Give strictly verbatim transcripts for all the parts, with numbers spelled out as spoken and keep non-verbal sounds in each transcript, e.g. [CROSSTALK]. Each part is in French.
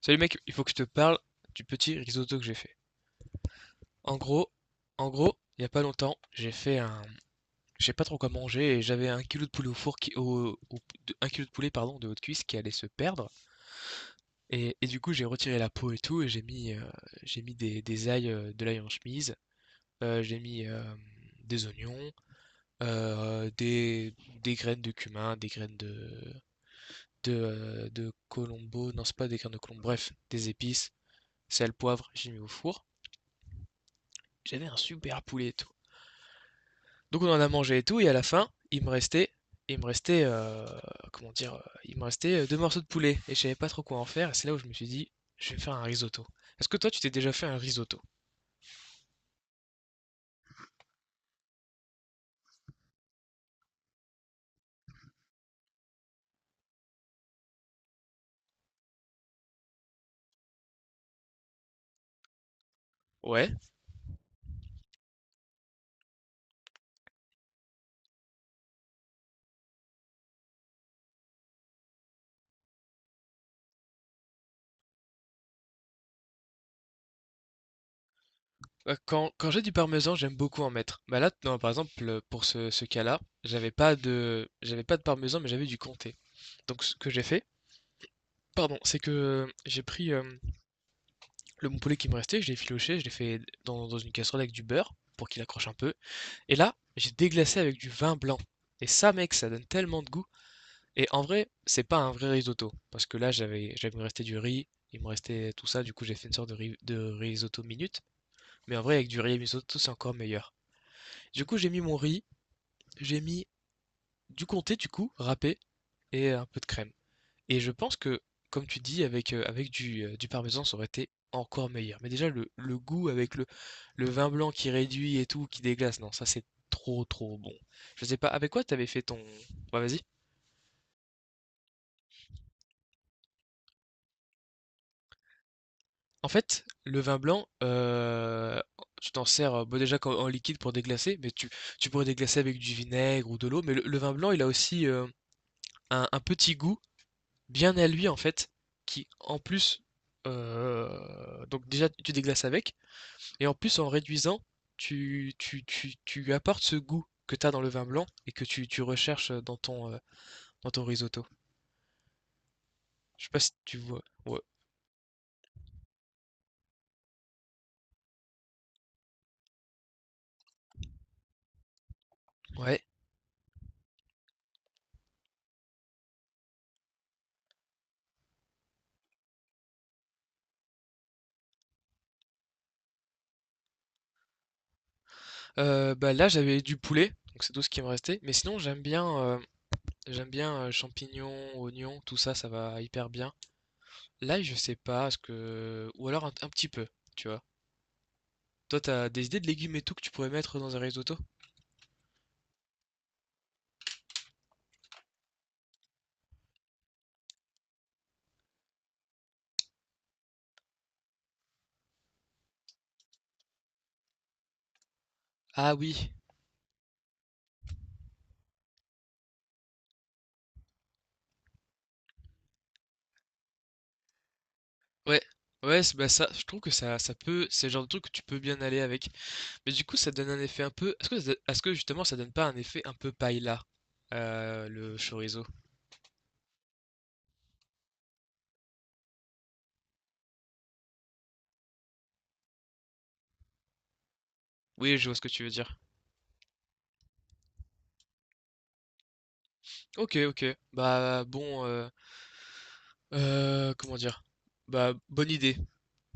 Salut mec, il faut que je te parle du petit risotto que j'ai fait. En gros, en gros, il y a pas longtemps, j'ai fait un, je sais pas trop quoi manger et j'avais un kilo de poulet au four qui, au, au- de- un kilo de poulet, pardon, de haute cuisse qui allait se perdre, et, et du coup j'ai retiré la peau et tout et j'ai mis euh, j'ai mis des, des ailes, euh, de l'ail en chemise, euh, j'ai mis euh, des oignons, euh, des des graines de cumin, des graines de de, euh, de colombo, non, c'est pas des graines de colombo, bref, des épices, sel, poivre, j'ai mis au four. J'avais un super poulet et tout. Donc on en a mangé et tout, et à la fin, il me restait, il me restait, euh, comment dire, euh, il me restait euh, deux morceaux de poulet, et je savais pas trop quoi en faire, et c'est là où je me suis dit, je vais faire un risotto. Est-ce que toi, tu t'es déjà fait un risotto? Ouais. Bah, Quand, quand j'ai du parmesan, j'aime beaucoup en mettre. Bah là, non, par exemple, euh, pour ce, ce cas-là, j'avais pas de, j'avais pas de parmesan, mais j'avais du comté. Donc ce que j'ai fait, pardon, c'est que euh, j'ai pris euh, le bon poulet qui me restait, je l'ai filoché, je l'ai fait dans, dans une casserole avec du beurre pour qu'il accroche un peu. Et là, j'ai déglacé avec du vin blanc. Et ça, mec, ça donne tellement de goût. Et en vrai, c'est pas un vrai risotto. Parce que là, j'avais, j'avais resté du riz, il me restait tout ça. Du coup, j'ai fait une sorte de, ri- de risotto minute. Mais en vrai, avec du riz et risotto, c'est encore meilleur. Du coup, j'ai mis mon riz, j'ai mis du comté, du coup, râpé, et un peu de crème. Et je pense que, comme tu dis, avec, euh, avec du, euh, du parmesan, ça aurait été encore meilleur. Mais déjà, le, le goût avec le, Le vin blanc qui réduit et tout, qui déglace, non, ça, c'est trop trop bon. Je sais pas avec quoi t'avais fait ton... Bah vas-y. En fait, le vin blanc, euh, tu t'en sers euh, bah, déjà qu'en- en liquide pour déglacer, mais tu, tu pourrais déglacer avec du vinaigre ou de l'eau, mais le, le vin blanc, il a aussi euh, un, un petit goût bien à lui, en fait, qui en plus... euh, Donc déjà, tu déglaces avec, et en plus, en réduisant, tu, tu, tu, tu apportes ce goût que tu as dans le vin blanc et que tu, tu recherches dans ton, euh, dans ton risotto. Je sais pas si tu vois. Ouais. Ouais. Euh, bah là, j'avais du poulet, donc c'est tout ce qui me restait. Mais sinon, j'aime bien, euh, j'aime bien euh, champignons, oignons, tout ça, ça va hyper bien. Là, je sais pas, ce que ou alors un, un petit peu, tu vois. Toi, t'as des idées de légumes et tout que tu pourrais mettre dans un risotto? Ah oui. Ouais. Ouais, c'est- bah ça, je trouve que ça, ça peut, c'est le genre de truc que tu peux bien aller avec. Mais du coup, ça donne un effet un peu. Est-ce que, ça- est-ce que justement, ça donne pas un effet un peu paella, euh, le chorizo? Oui, je vois ce que tu veux dire. Ok, ok. Bah bon, euh, euh, comment dire? Bah, bonne idée.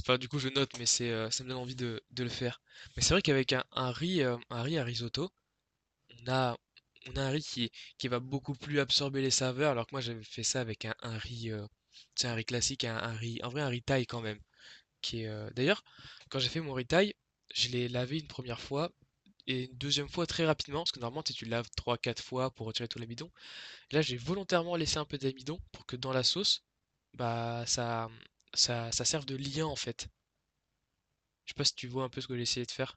Enfin, du coup je note, mais c'est euh, ça me donne envie de, de le faire. Mais c'est vrai qu'avec un, un riz, euh, un riz à risotto, on a on a un riz qui qui va beaucoup plus absorber les saveurs, alors que moi, j'avais fait ça avec un, un riz, euh, c'est un riz classique, un, un riz, en vrai un riz thaï quand même. Qui est euh, D'ailleurs, quand j'ai fait mon riz thaï, je l'ai lavé une première fois et une deuxième fois très rapidement, parce que normalement, tu sais, tu le laves trois, quatre fois pour retirer tout l'amidon. Là, j'ai volontairement laissé un peu d'amidon pour que dans la sauce, bah ça, ça, ça serve de lien en fait. Je sais pas si tu vois un peu ce que j'ai essayé de faire.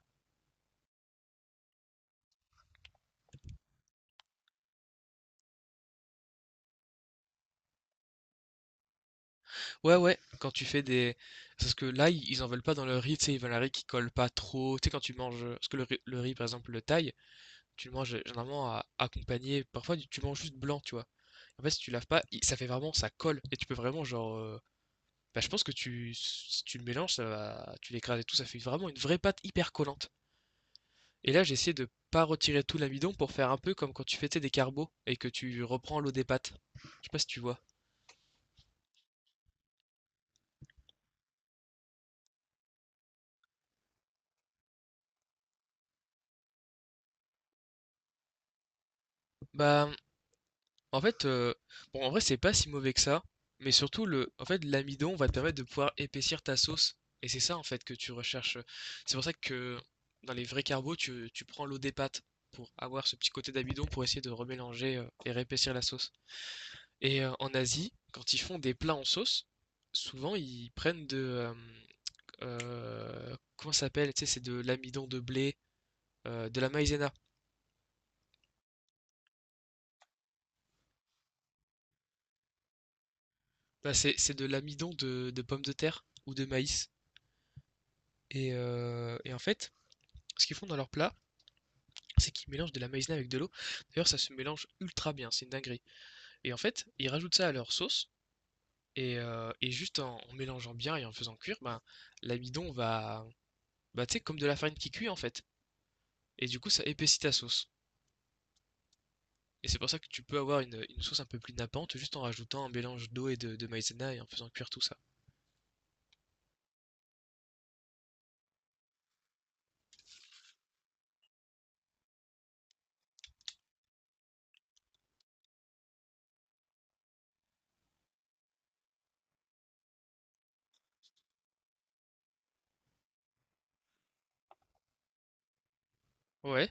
Ouais, ouais, quand tu fais des... Parce que là, ils ils en veulent pas dans le riz, tu sais, ils veulent un riz qui colle pas trop. Tu sais, quand tu manges... Parce que le riz, le riz, par exemple, le thaï, tu le manges généralement à- accompagné... Parfois, tu tu manges juste blanc, tu vois. En fait, si tu laves pas, il- ça fait vraiment... Ça colle. Et tu peux vraiment, genre... euh, Bah, je pense que tu, si tu le mélanges, ça va, tu l'écrases et tout, ça fait vraiment une vraie pâte hyper collante. Et là, j'essaie de pas retirer tout l'amidon pour faire un peu comme quand tu fais, tu sais, des carbos et que tu reprends l'eau des pâtes. Je sais pas si tu vois. Bah, en fait, euh, bon, en vrai, c'est pas si mauvais que ça, mais surtout le, en fait, l'amidon va te permettre de pouvoir épaissir ta sauce, et c'est ça en fait que tu recherches. C'est pour ça que dans les vrais carbos, tu, tu prends l'eau des pâtes pour avoir ce petit côté d'amidon pour essayer de remélanger euh, et réépaissir la sauce. Et euh, en Asie, quand ils font des plats en sauce, souvent ils prennent de euh, euh, comment ça s'appelle? Tu sais, c'est de l'amidon de blé, euh, de la maïzena. Bah, c'est c'est de l'amidon de, de pommes de terre ou de maïs. Et, euh, et en fait, ce qu'ils font dans leur plat, c'est qu'ils mélangent de la maïzena avec de l'eau. D'ailleurs, ça se mélange ultra bien, c'est une dinguerie. Et en fait, ils rajoutent ça à leur sauce. Et, euh, et juste en, en mélangeant bien et en faisant cuire, bah, l'amidon va, bah, tu sais, comme de la farine qui cuit en fait. Et du coup, ça épaissit ta sauce. Et c'est pour ça que tu peux avoir une, une sauce un peu plus nappante juste en rajoutant un mélange d'eau et de, de maïzena et en faisant cuire tout ça. Ouais.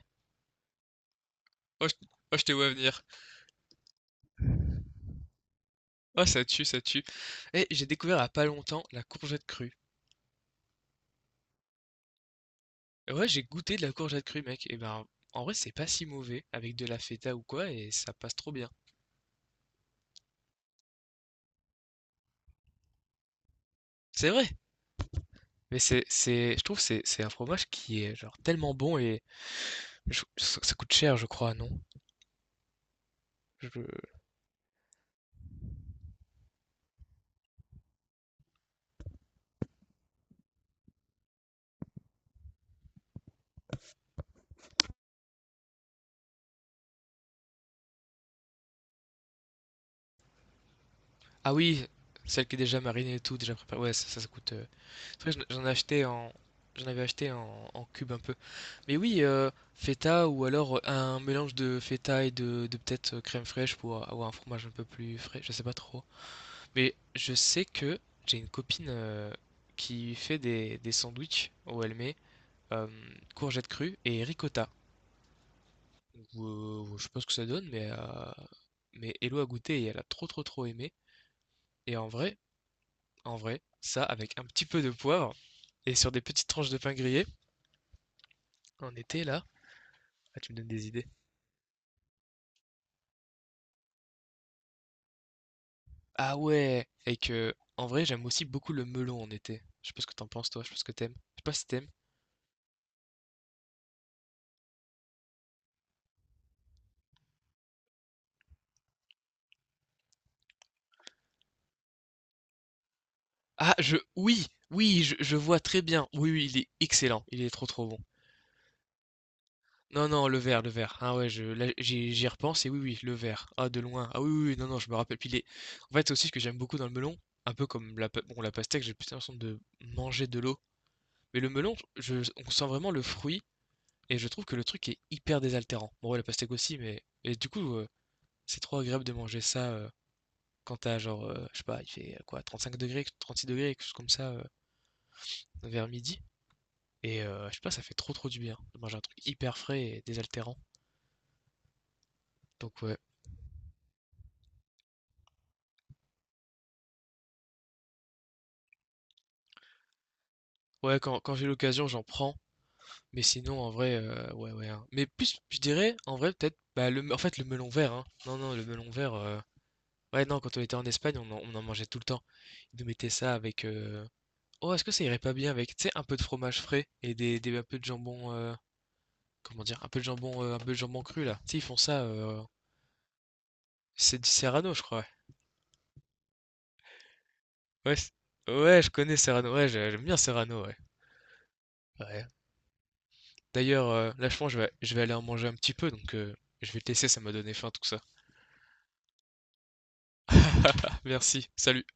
Oh, je, oh, je te vois venir. Oh, ça tue, ça tue. Et j'ai découvert il y a pas longtemps la courgette crue. Ouais, j'ai goûté de la courgette crue, mec. Et ben, en vrai, c'est pas si mauvais avec de la feta ou quoi, et ça passe trop bien. C'est vrai. Mais c'est, c'est, je trouve que c'est, c'est un fromage qui est genre tellement bon, et je- ça, ça coûte cher, je crois, non? Je- Ah oui, celle qui est déjà marinée et tout, déjà préparée. Ouais, ça, ça, ça coûte euh, C'est vrai que j'en j'en ai acheté en, j'en avais acheté en, en cube un peu. Mais oui, euh, feta, ou alors euh, un mélange de feta et de, de peut-être euh, crème fraîche pour avoir un fromage un peu plus frais, je sais pas trop. Mais je sais que j'ai une copine euh, qui fait des, des sandwichs où elle met euh, courgettes crues et ricotta. Donc, euh, je sais pas ce que ça donne, mais, euh, mais Hello a goûté et elle a trop trop trop aimé. Et en vrai, en vrai, ça avec un petit peu de poivre et sur des petites tranches de pain grillé, on était là. Ah, tu me donnes des idées. Ah ouais, et que en vrai, j'aime aussi beaucoup le melon en été. Je sais pas ce que t'en penses toi, je sais pas ce que t'aimes. Je sais pas si t'aimes. Ah, je oui, oui, je, je vois très bien. Oui, oui, il est excellent, il est trop trop bon. Non, non, le vert, le vert. Ah ouais, je là, j'y j'y repense et oui, oui, le vert. Ah, de loin. Ah oui, oui, oui, non, non, je me rappelle. Puis les... En fait, c'est aussi ce que j'aime beaucoup dans le melon, un peu comme la, pa- bon, la pastèque, j'ai plus l'impression de manger de l'eau. Mais le melon, je, on sent vraiment le fruit et je trouve que le truc est hyper désaltérant. Bon, ouais, la pastèque aussi, mais et du coup. euh, C'est trop agréable de manger ça, heu, quand t'as genre, heu, je sais pas, il fait, heu, quoi, six degrés, trente-six degrés, quelque chose comme ça, heu, vers midi, et heu, je sais pas, ça fait trop, trop du bien de manger un truc hyper frais et désaltérant. Donc ouais, ouais, quand quand j'ai l'occasion, j'en prends, mais sinon en vrai, heu, ouais, ouais, hein, mais plus je dirais en vrai peut-être, bah, le en fait le melon vert, hein. Non, non, le melon vert, heu, ouais, non, quand on était en Espagne, on en on en mangeait tout le temps. Ils nous mettaient ça avec, heu, oh, est-ce que ça irait pas bien avec, tu sais, un peu de fromage frais et des des, un peu de jambon, heu comment dire, un peu de jambon, euh, un peu de jambon cru là. Tu sais, ils font ça. Euh, c'est du Serrano, je crois. Ouais, Ouais, c- ouais, je connais Serrano. Ouais, j'ai- j'aime bien Serrano. Ouais. Ouais. D'ailleurs, euh, là, je pense que je vais, je vais aller en manger un petit peu, donc euh, je vais te laisser. Ça m'a donné faim tout ça. [LAUGHS] Merci. Salut.